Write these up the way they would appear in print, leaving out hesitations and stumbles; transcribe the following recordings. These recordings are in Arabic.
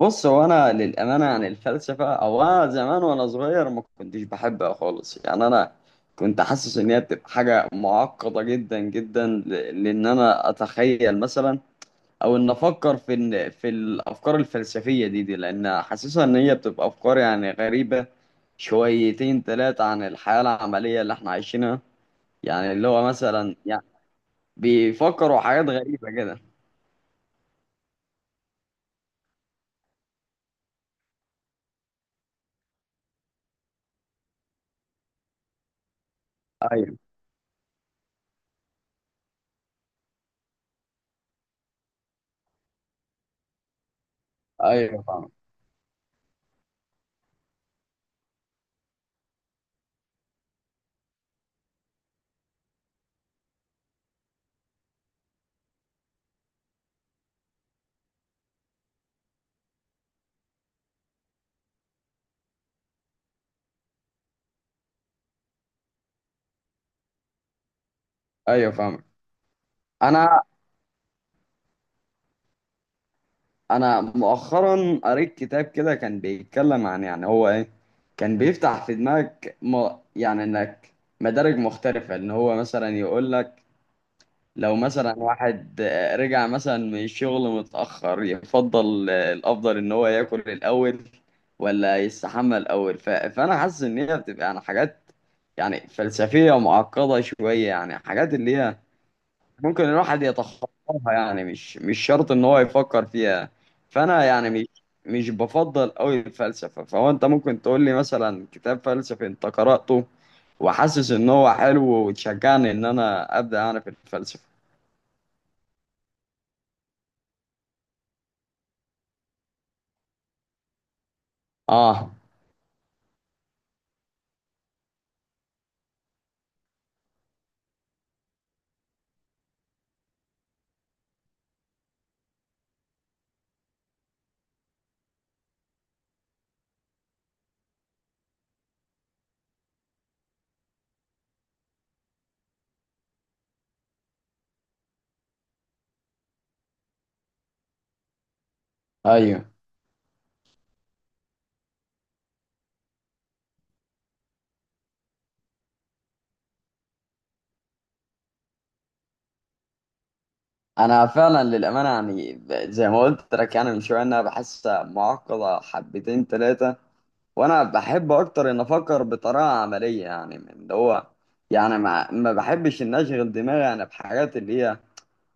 بص هو انا للامانه عن الفلسفه او انا زمان وانا صغير ما كنتش بحبها خالص. يعني انا كنت حاسس ان هي بتبقى حاجه معقده جدا جدا لان انا اتخيل مثلا او ان افكر في إن في الافكار الفلسفيه دي لان حاسسها ان هي بتبقى افكار يعني غريبه شويتين ثلاثه عن الحياه العمليه اللي احنا عايشينها، يعني اللي هو مثلا يعني بيفكروا حاجات غريبه كده. ايوه، ايوه فاهم. ايوه فاهم. انا انا مؤخرا قريت كتاب كده كان بيتكلم عن، يعني هو ايه، كان بيفتح في دماغك يعني انك مدارج مختلفة، ان هو مثلا يقول لك لو مثلا واحد رجع مثلا من الشغل متأخر يفضل، الافضل ان هو ياكل الاول ولا يستحمى الاول. فانا حاسس ان هي بتبقى يعني حاجات يعني فلسفية معقدة شوية، يعني حاجات اللي هي ممكن الواحد يتخطاها، يعني مش شرط ان هو يفكر فيها. فانا يعني مش مش بفضل قوي الفلسفه. فهو انت ممكن تقول لي مثلا كتاب فلسفي انت قراته وحاسس ان هو حلو وتشجعني ان انا ابدا انا في الفلسفه. اه، ايوه. انا فعلا للامانه يعني زي ما قلت لك، يعني من شويه إن انا بحسها معقده حبتين ثلاثه، وانا بحب اكتر ان افكر بطريقه عمليه، يعني من اللي هو يعني ما بحبش ان اشغل دماغي انا بحاجات اللي هي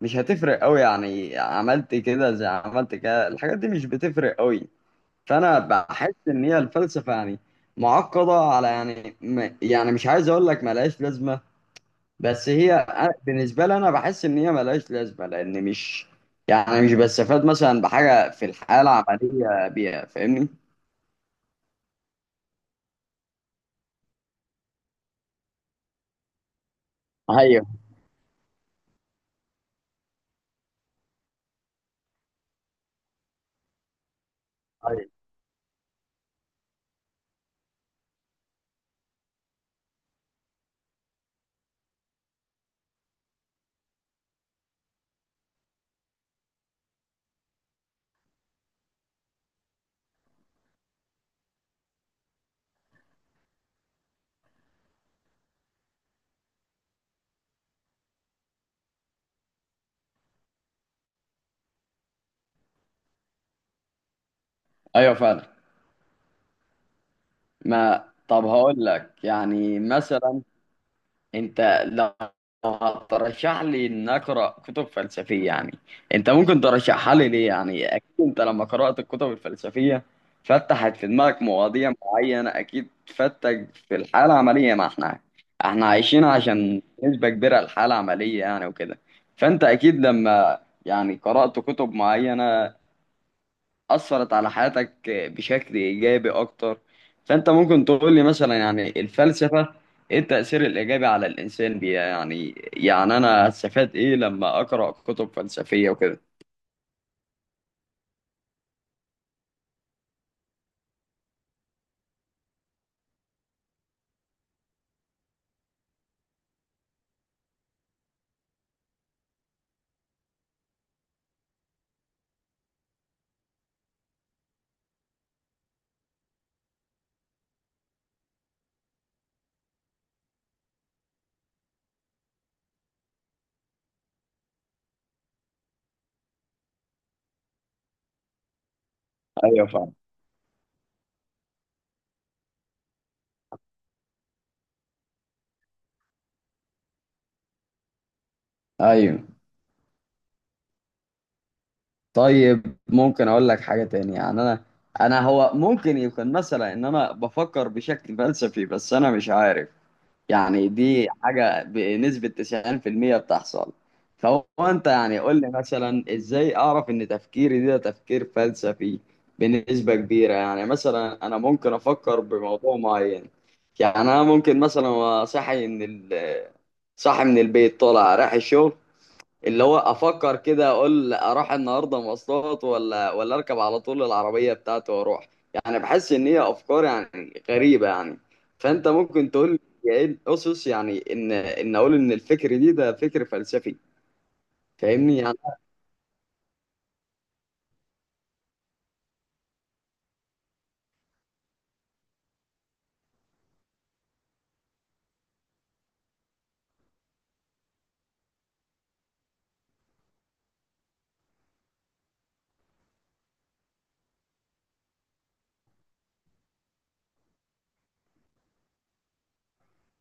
مش هتفرق قوي، يعني عملت كده زي عملت كده الحاجات دي مش بتفرق قوي. فانا بحس ان هي الفلسفه يعني معقده على، يعني يعني مش عايز اقول لك ملهاش لازمه، بس هي بالنسبه لي انا بحس ان هي ملهاش لازمه، لان مش يعني مش بستفاد مثلا بحاجه في الحياه العمليه بيها. فاهمني؟ ايوه. ايوه. ايوه فعلا. ما طب هقول لك يعني مثلا، انت لو هترشح لي ان اقرا كتب فلسفيه، يعني انت ممكن ترشحها لي ليه؟ يعني اكيد انت لما قرات الكتب الفلسفيه فتحت في دماغك مواضيع معينه، اكيد فتك في الحاله العمليه ما احنا عايشين عشان نسبه كبيره الحاله العمليه يعني وكده. فانت اكيد لما يعني قرات كتب معينه أثرت على حياتك بشكل إيجابي أكتر، فأنت ممكن تقول لي مثلا يعني الفلسفة إيه التأثير الإيجابي على الإنسان بيها؟ يعني يعني أنا هستفاد إيه لما أقرأ كتب فلسفية وكده؟ ايوه فاهم. ايوه. طيب ممكن اقول لك حاجه تانية يعني، انا انا هو ممكن يكون مثلا ان انا بفكر بشكل فلسفي بس انا مش عارف، يعني دي حاجة بنسبة 90% بتحصل. فهو انت يعني قول لي مثلا ازاي اعرف ان تفكيري ده تفكير فلسفي بنسبة كبيرة؟ يعني مثلا انا ممكن افكر بموضوع معين، يعني انا ممكن مثلا أبقى صاحي ان صاحي من البيت طالع رايح الشغل، اللي هو افكر كده اقول اروح النهارده مواصلات ولا اركب على طول العربيه بتاعتي واروح. يعني بحس ان هي افكار يعني غريبه يعني. فانت ممكن تقول لي ايه الاسس يعني ان اقول ان الفكر دي ده فكر فلسفي؟ فاهمني يعني.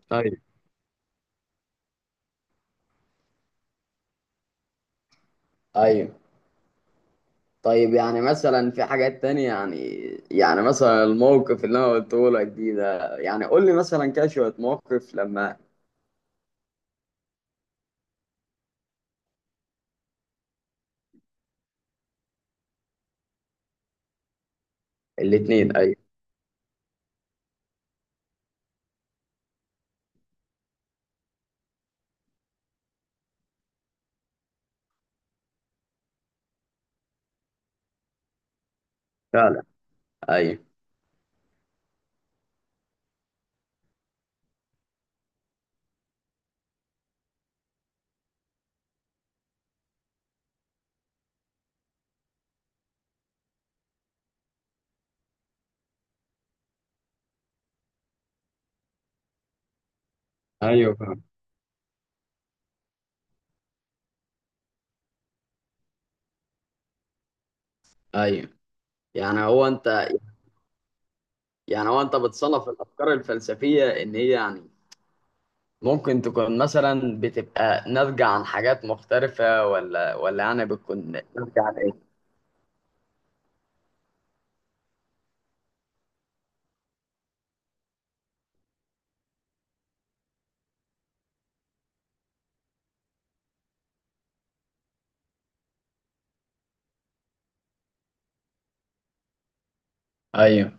طيب. طيب. طيب يعني مثلا في حاجات تانية يعني، يعني مثلا الموقف اللي انا قلته لك دي ده، يعني قول لي مثلا كده شوية موقف لما. الاتنين ايوه. فعلا. ايوه. ايوه فاهم. ايوه. يعني هو انت، يعني هو انت بتصنف الافكار الفلسفيه ان هي يعني ممكن تكون مثلا بتبقى ناتجه عن حاجات مختلفه ولا يعني بتكون ناتجه عن ايه؟ ايوه.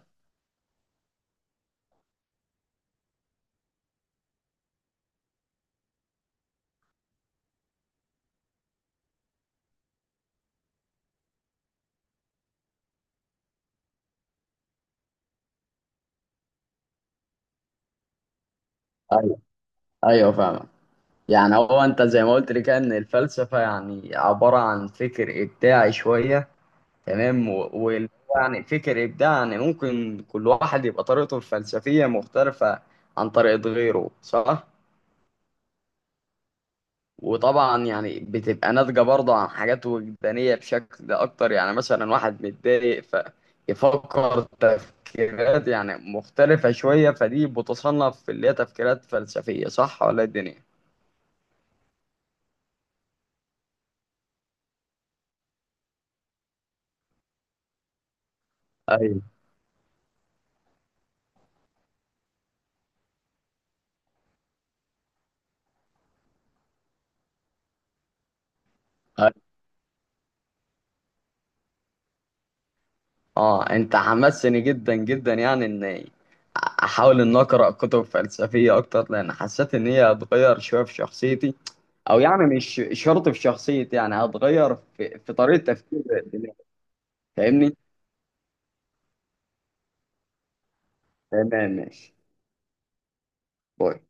ايوه. ايوه فاهمك. يعني هو انت زي ما قلت لي كده ان الفلسفه يعني عباره عن فكر ابداعي شويه، تمام. و... و... يعني فكر ابداعي يعني ممكن كل واحد يبقى طريقته الفلسفيه مختلفه عن طريقه غيره، صح؟ وطبعا يعني بتبقى ناتجة برضه عن حاجات وجدانية بشكل أكتر، يعني مثلا واحد متضايق فيفكر تفكيرات يعني مختلفة شوية، فدي بتصنف في اللي هي تفكيرات فلسفية، صح ولا إيه الدنيا؟ ايوه. أيوة. اه، انت حمسني جدا جدا يعني ان احاول ان اقرا كتب فلسفيه اكتر، لان حسيت ان هي هتغير شويه في شخصيتي، او يعني مش شرط في شخصيتي، يعني هتغير في طريقه تفكيري. فاهمني؟ تمام. ماشي. باي.